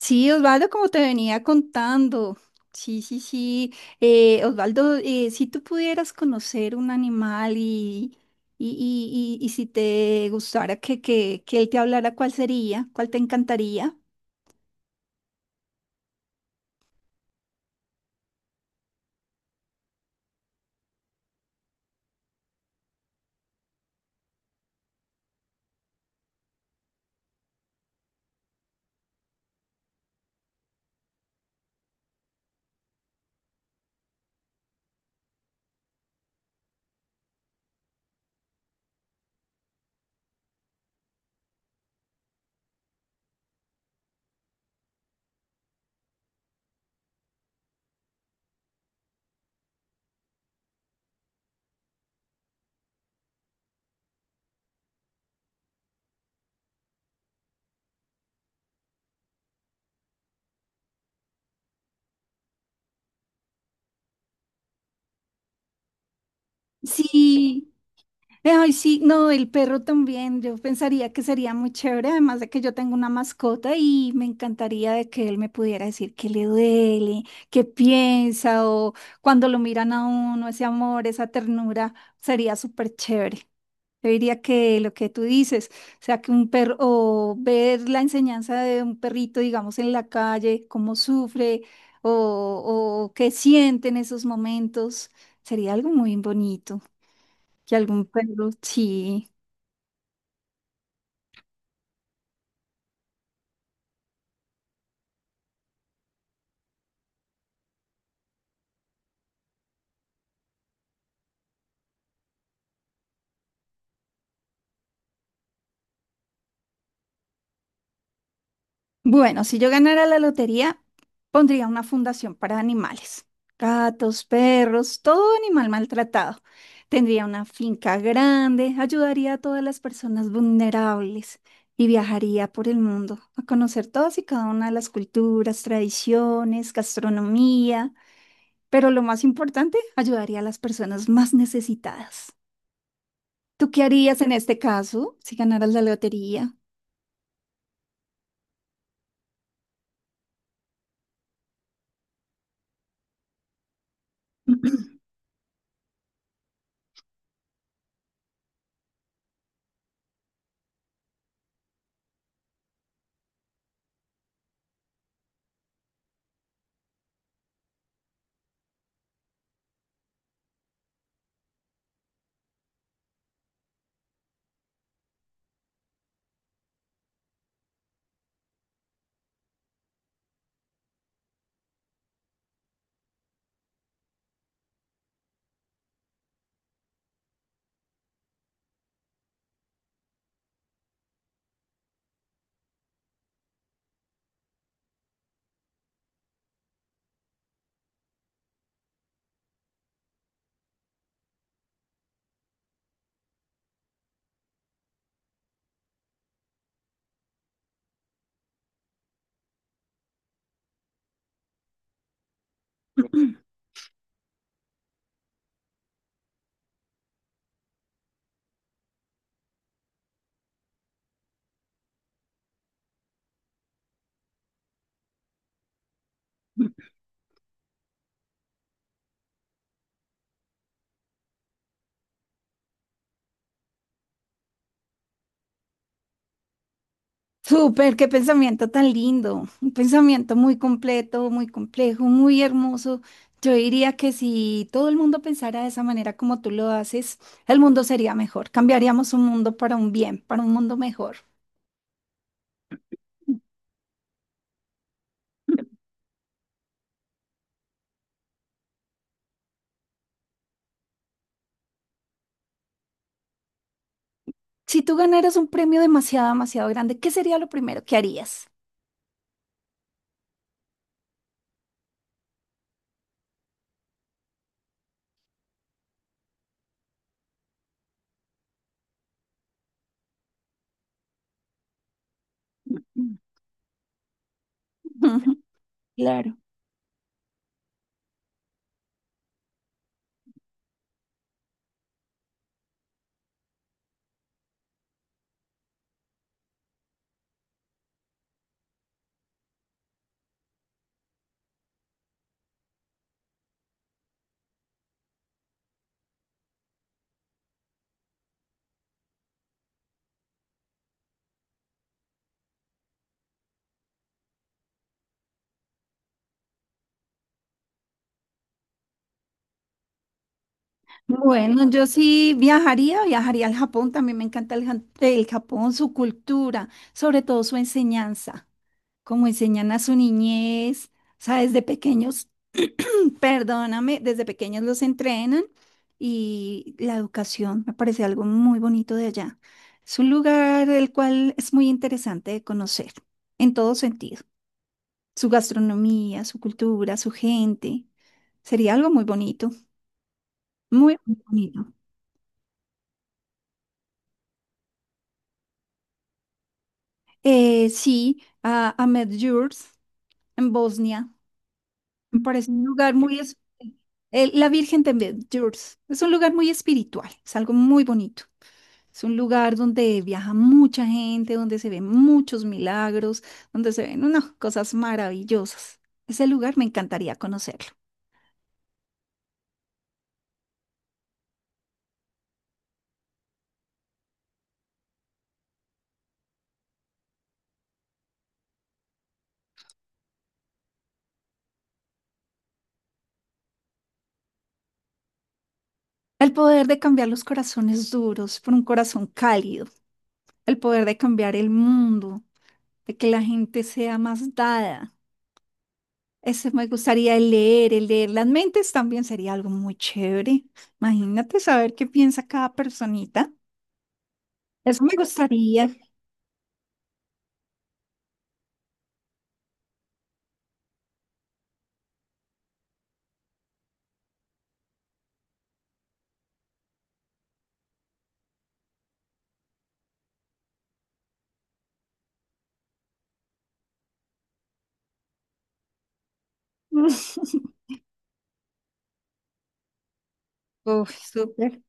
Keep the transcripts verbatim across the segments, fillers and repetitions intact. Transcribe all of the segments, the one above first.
Sí, Osvaldo, como te venía contando. Sí, sí, sí. Eh, Osvaldo, eh, si tú pudieras conocer un animal y, y, y, y- y si te gustara que, que, que él te hablara, ¿cuál sería? ¿Cuál te encantaría? Sí, ay, sí, no, el perro también. Yo pensaría que sería muy chévere, además de que yo tengo una mascota y me encantaría de que él me pudiera decir qué le duele, qué piensa o cuando lo miran a uno, ese amor, esa ternura, sería súper chévere. Yo diría que lo que tú dices, o sea, que un perro, o ver la enseñanza de un perrito, digamos, en la calle, cómo sufre o, o qué siente en esos momentos, sería algo muy bonito. Que algún perro, sí. Bueno, si yo ganara la lotería, pondría una fundación para animales. Gatos, perros, todo animal maltratado. Tendría una finca grande, ayudaría a todas las personas vulnerables y viajaría por el mundo a conocer todas y cada una de las culturas, tradiciones, gastronomía. Pero lo más importante, ayudaría a las personas más necesitadas. ¿Tú qué harías en este caso si ganaras la lotería? Súper, qué pensamiento tan lindo, un pensamiento muy completo, muy complejo, muy hermoso. Yo diría que si todo el mundo pensara de esa manera como tú lo haces, el mundo sería mejor. Cambiaríamos un mundo para un bien, para un mundo mejor. Si tú ganaras un premio demasiado, demasiado grande, ¿qué sería lo primero que harías? Claro. Bueno, yo sí viajaría, viajaría al Japón, también me encanta el, Jan- el Japón, su cultura, sobre todo su enseñanza. Como enseñan a su niñez, o sea, desde pequeños, perdóname, desde pequeños los entrenan y la educación me parece algo muy bonito de allá. Es un lugar el cual es muy interesante de conocer en todo sentido. Su gastronomía, su cultura, su gente. Sería algo muy bonito, muy bonito. Eh, sí, a, a Medjugorje en Bosnia. Me parece un lugar muy... es- eh, la Virgen de Medjugorje es un lugar muy espiritual, es algo muy bonito. Es un lugar donde viaja mucha gente, donde se ven muchos milagros, donde se ven unas cosas maravillosas. Ese lugar me encantaría conocerlo. El poder de cambiar los corazones duros por un corazón cálido, el poder de cambiar el mundo, de que la gente sea más dada. Eso me gustaría, el leer, el leer las mentes también sería algo muy chévere. Imagínate saber qué piensa cada personita. Eso me gustaría. Uf, súper.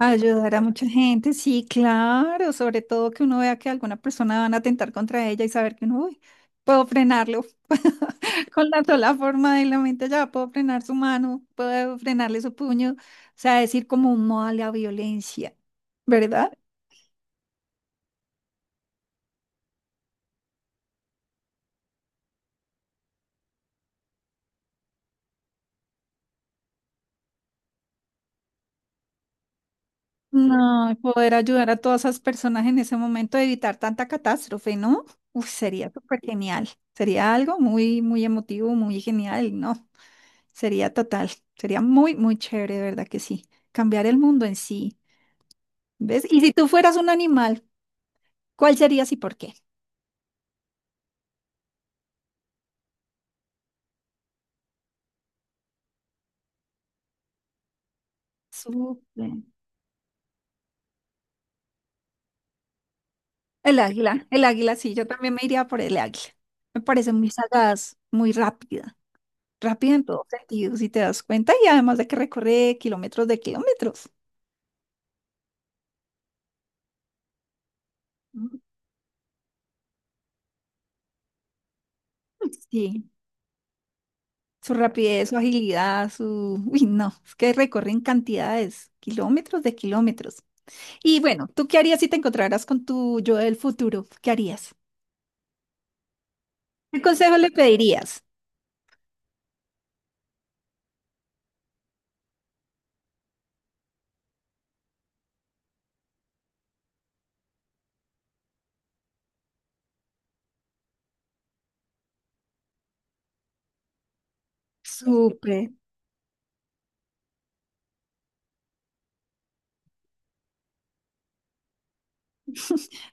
Ayudar a mucha gente, sí, claro. Sobre todo que uno vea que alguna persona van a atentar contra ella y saber que uno, uy, puedo frenarlo. Con la sola forma de la mente ya puedo frenar su mano, puedo frenarle su puño. O sea, decir como un modo a la violencia, ¿verdad? No, y poder ayudar a todas esas personas en ese momento a evitar tanta catástrofe, ¿no? Uf, sería súper genial. Sería algo muy, muy emotivo, muy genial, ¿no? Sería total. Sería muy, muy chévere, de verdad que sí. Cambiar el mundo en sí. ¿Ves? Y si tú fueras un animal, ¿cuál serías y por qué? Súper. El águila, el águila, sí, yo también me iría por el águila. Me parece muy sagaz, muy rápida. Rápida en todos sentidos, si te das cuenta, y además de que recorre kilómetros de kilómetros. Sí, su rapidez, su agilidad, su... Uy, no, es que recorren cantidades, kilómetros de kilómetros. Y bueno, ¿tú qué harías si te encontraras con tu yo del futuro? ¿Qué harías? ¿Qué consejo le pedirías? Súper.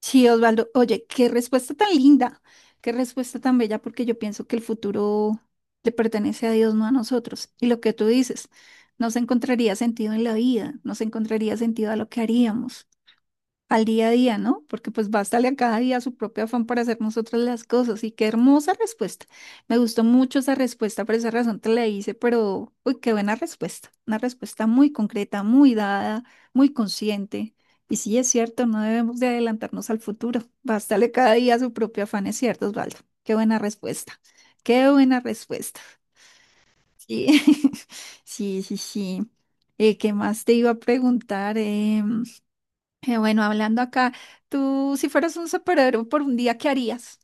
Sí, Osvaldo, oye, qué respuesta tan linda, qué respuesta tan bella, porque yo pienso que el futuro le pertenece a Dios, no a nosotros. Y lo que tú dices, no se encontraría sentido en la vida, no se encontraría sentido a lo que haríamos. Al día a día, ¿no? Porque pues bástale a cada día su propio afán para hacer nosotros las cosas. Y qué hermosa respuesta. Me gustó mucho esa respuesta, por esa razón te la hice, pero uy, qué buena respuesta. Una respuesta muy concreta, muy dada, muy consciente. Y sí, es cierto, no debemos de adelantarnos al futuro. Bástale cada día su propio afán, es cierto, Osvaldo. Qué buena respuesta. Qué buena respuesta. Sí, sí, sí, sí. Eh, ¿qué más te iba a preguntar? Eh, eh, Bueno, hablando acá, tú si fueras un superhéroe por un día, ¿qué harías?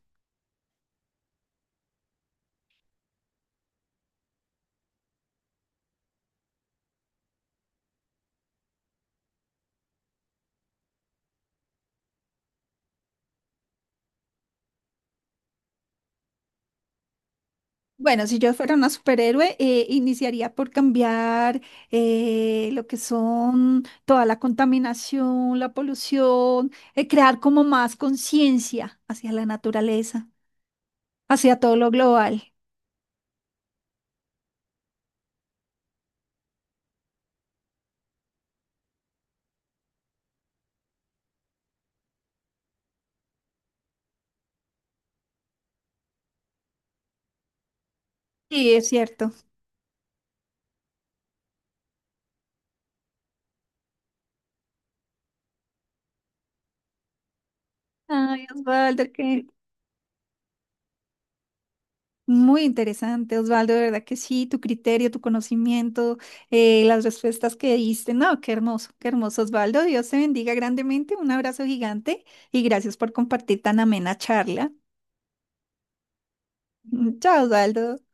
Bueno, si yo fuera una superhéroe, eh, iniciaría por cambiar eh, lo que son toda la contaminación, la polución, eh, crear como más conciencia hacia la naturaleza, hacia todo lo global. Sí, es cierto. Ay, Osvaldo, qué... Muy interesante, Osvaldo, de verdad que sí, tu criterio, tu conocimiento, eh, las respuestas que diste, no, qué hermoso, qué hermoso, Osvaldo, Dios te bendiga grandemente, un abrazo gigante y gracias por compartir tan amena charla. Chao, Osvaldo.